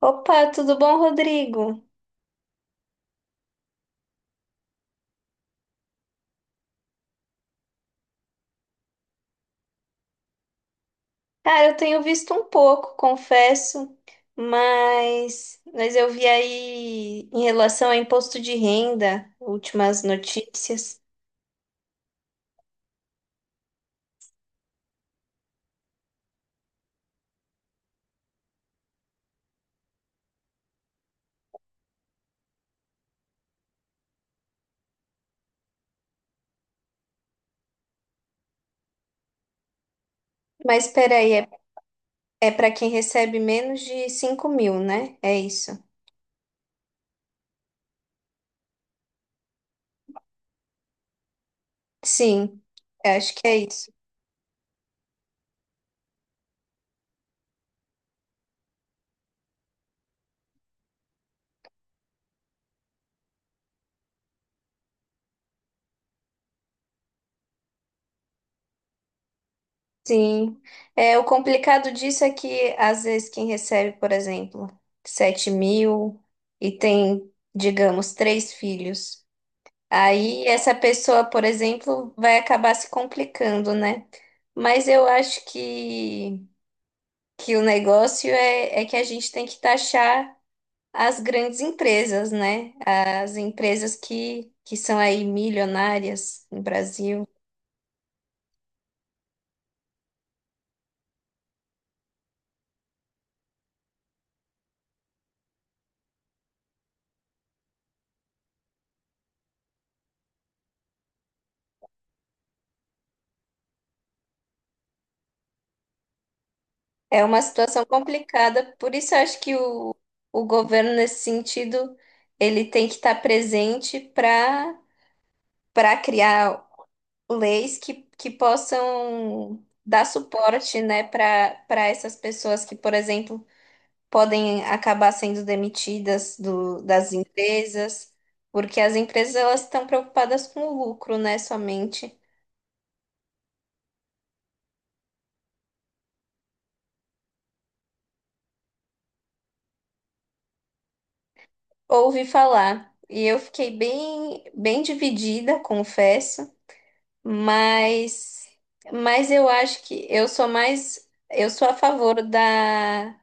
Opa, tudo bom, Rodrigo? Cara, eu tenho visto um pouco, confesso, mas, eu vi aí em relação a imposto de renda, últimas notícias. Mas peraí, é para quem recebe menos de 5 mil, né? É isso. Sim, eu acho que é isso. Sim. É, o complicado disso é que às vezes quem recebe, por exemplo, 7 mil e tem, digamos, três filhos. Aí essa pessoa, por exemplo, vai acabar se complicando, né? Mas eu acho que o negócio é que a gente tem que taxar as grandes empresas, né? As empresas que são aí milionárias no Brasil. É uma situação complicada, por isso eu acho que o governo, nesse sentido, ele tem que estar presente para criar leis que possam dar suporte, né, para essas pessoas que, por exemplo, podem acabar sendo demitidas das empresas, porque as empresas elas estão preocupadas com o lucro, né, somente. Ouvi falar e eu fiquei bem dividida, confesso, mas eu acho que eu sou mais eu sou a favor da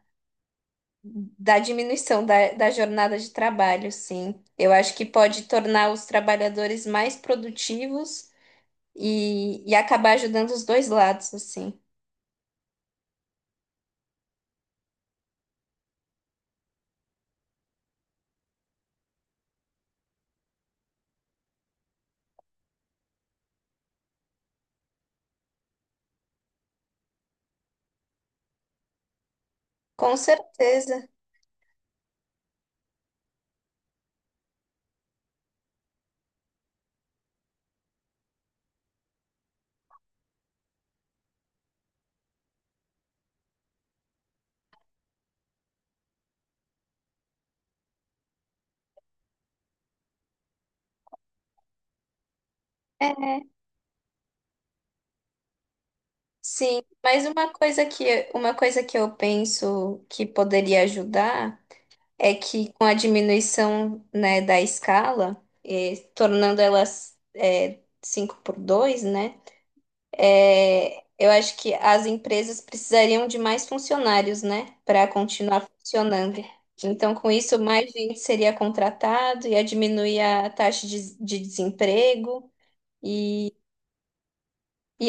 diminuição da jornada de trabalho, sim. Eu acho que pode tornar os trabalhadores mais produtivos e acabar ajudando os dois lados, assim. Com certeza. É, sim. Mas uma uma coisa que eu penso que poderia ajudar é que com a diminuição, né, da escala, tornando elas, 5 por 2, né? É, eu acho que as empresas precisariam de mais funcionários, né, para continuar funcionando. Então, com isso, mais gente seria contratado, ia diminuir a taxa de desemprego e,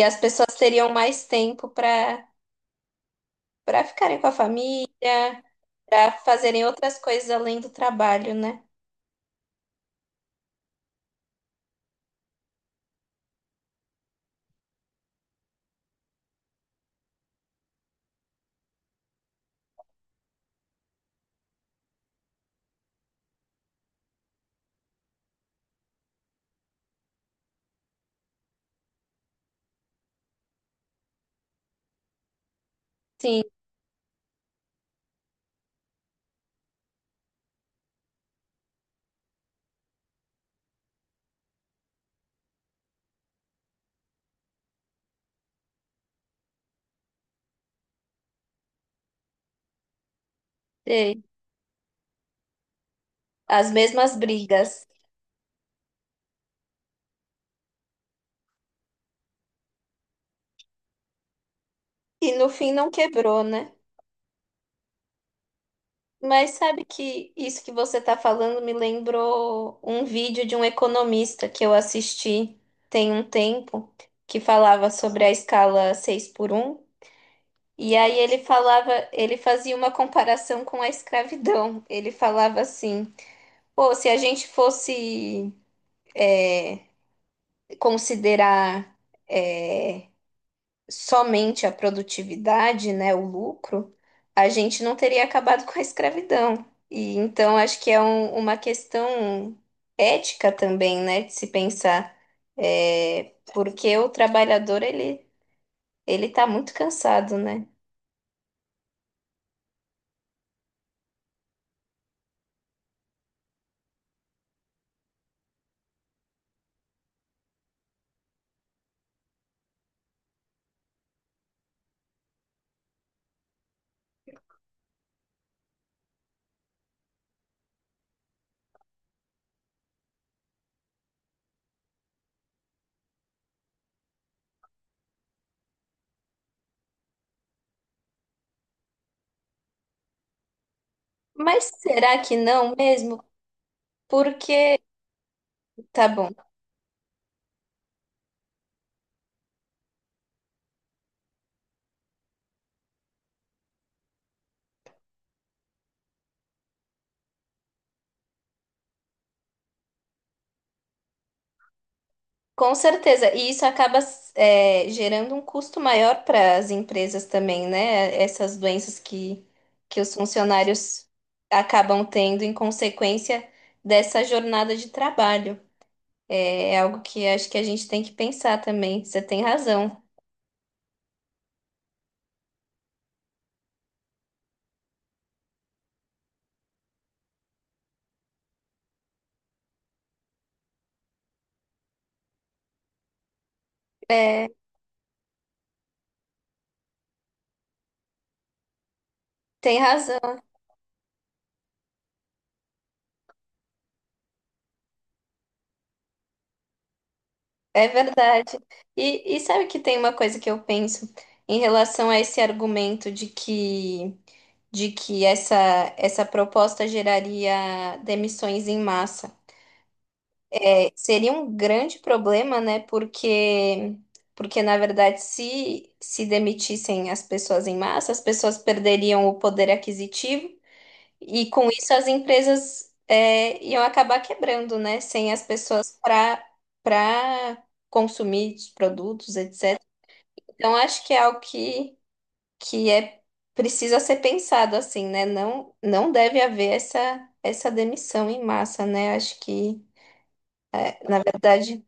as pessoas teriam mais tempo para ficarem com a família, para fazerem outras coisas além do trabalho, né? Sim, sei. As mesmas brigas. E no fim não quebrou, né? Mas sabe que isso que você está falando me lembrou um vídeo de um economista que eu assisti tem um tempo, que falava sobre a escala 6 por um e aí ele falava, ele fazia uma comparação com a escravidão. Ele falava assim: pô, se a gente fosse considerar eh, somente a produtividade, né, o lucro, a gente não teria acabado com a escravidão. E então acho que é uma questão ética também, né, de se pensar, é, porque o trabalhador ele está muito cansado, né? Mas será que não mesmo? Porque tá bom. Com certeza, e isso acaba é, gerando um custo maior para as empresas também, né? Essas doenças que os funcionários acabam tendo em consequência dessa jornada de trabalho. É, é algo que acho que a gente tem que pensar também. Você tem razão. É, tem razão. É verdade. E sabe que tem uma coisa que eu penso em relação a esse argumento de que essa proposta geraria demissões em massa. É, seria um grande problema, né? Porque na verdade, se demitissem as pessoas em massa, as pessoas perderiam o poder aquisitivo. E com isso as empresas é, iam acabar quebrando, né? Sem as pessoas para para consumir os produtos, etc. Então acho que é algo que é precisa ser pensado assim, né? Não, não deve haver essa demissão em massa, né? Acho que, é, na verdade,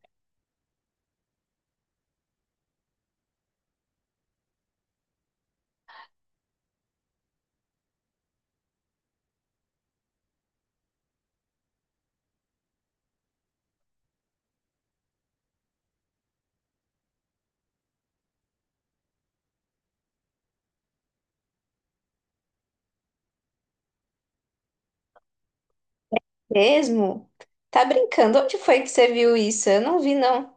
mesmo. Tá brincando? Onde foi que você viu isso? Eu não vi, não.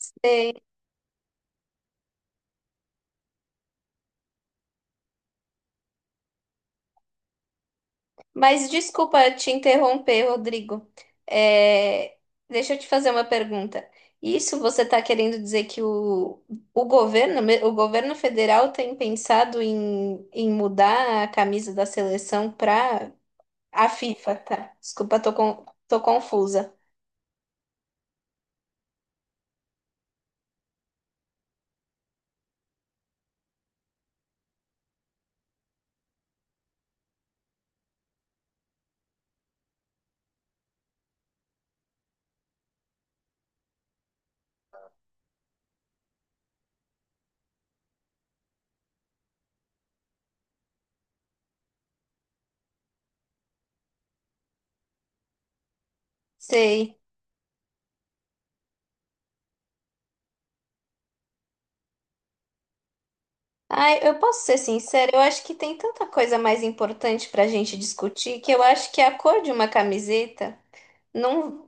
Sei. Mas desculpa te interromper, Rodrigo. É, deixa eu te fazer uma pergunta. Isso você está querendo dizer que o governo, o governo federal tem pensado em mudar a camisa da seleção para a FIFA, tá? Desculpa, tô, tô confusa. Sei. Ai, eu posso ser sincera, eu acho que tem tanta coisa mais importante para a gente discutir que eu acho que a cor de uma camiseta. Não,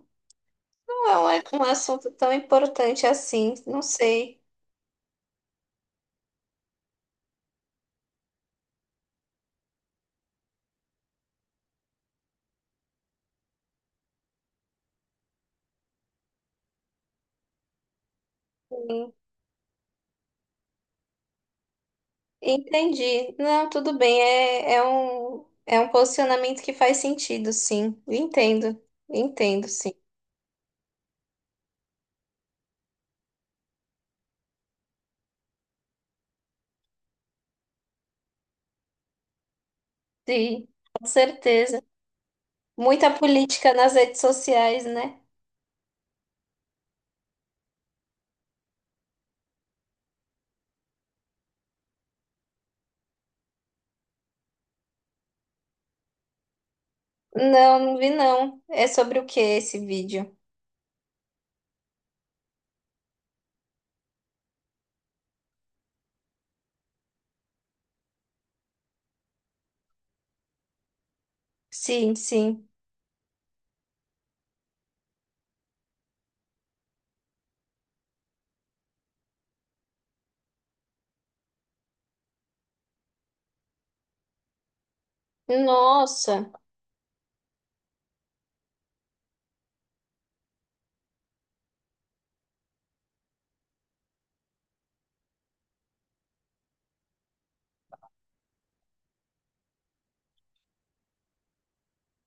não é um assunto tão importante assim, não sei. Sim, entendi. Não, tudo bem, é é um posicionamento que faz sentido, sim. Entendo, entendo, sim. Sim, com certeza. Muita política nas redes sociais, né? Não, não vi não. É sobre o que esse vídeo? Sim, sim. Nossa,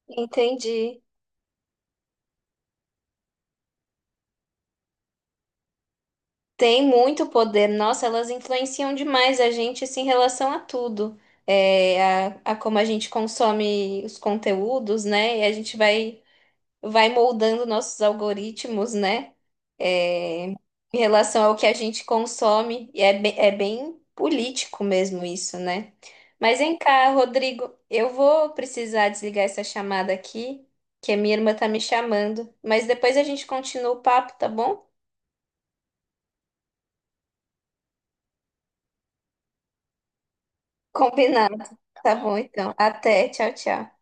entendi. Tem muito poder. Nossa, elas influenciam demais a gente assim, em relação a tudo. É, a como a gente consome os conteúdos, né? E a gente vai moldando nossos algoritmos, né? Em relação ao que a gente consome. E é, é bem político mesmo isso, né? Mas vem cá, Rodrigo, eu vou precisar desligar essa chamada aqui, que a minha irmã tá me chamando. Mas depois a gente continua o papo, tá bom? Combinado. Tá. Tá bom, então. Até. Tchau, tchau.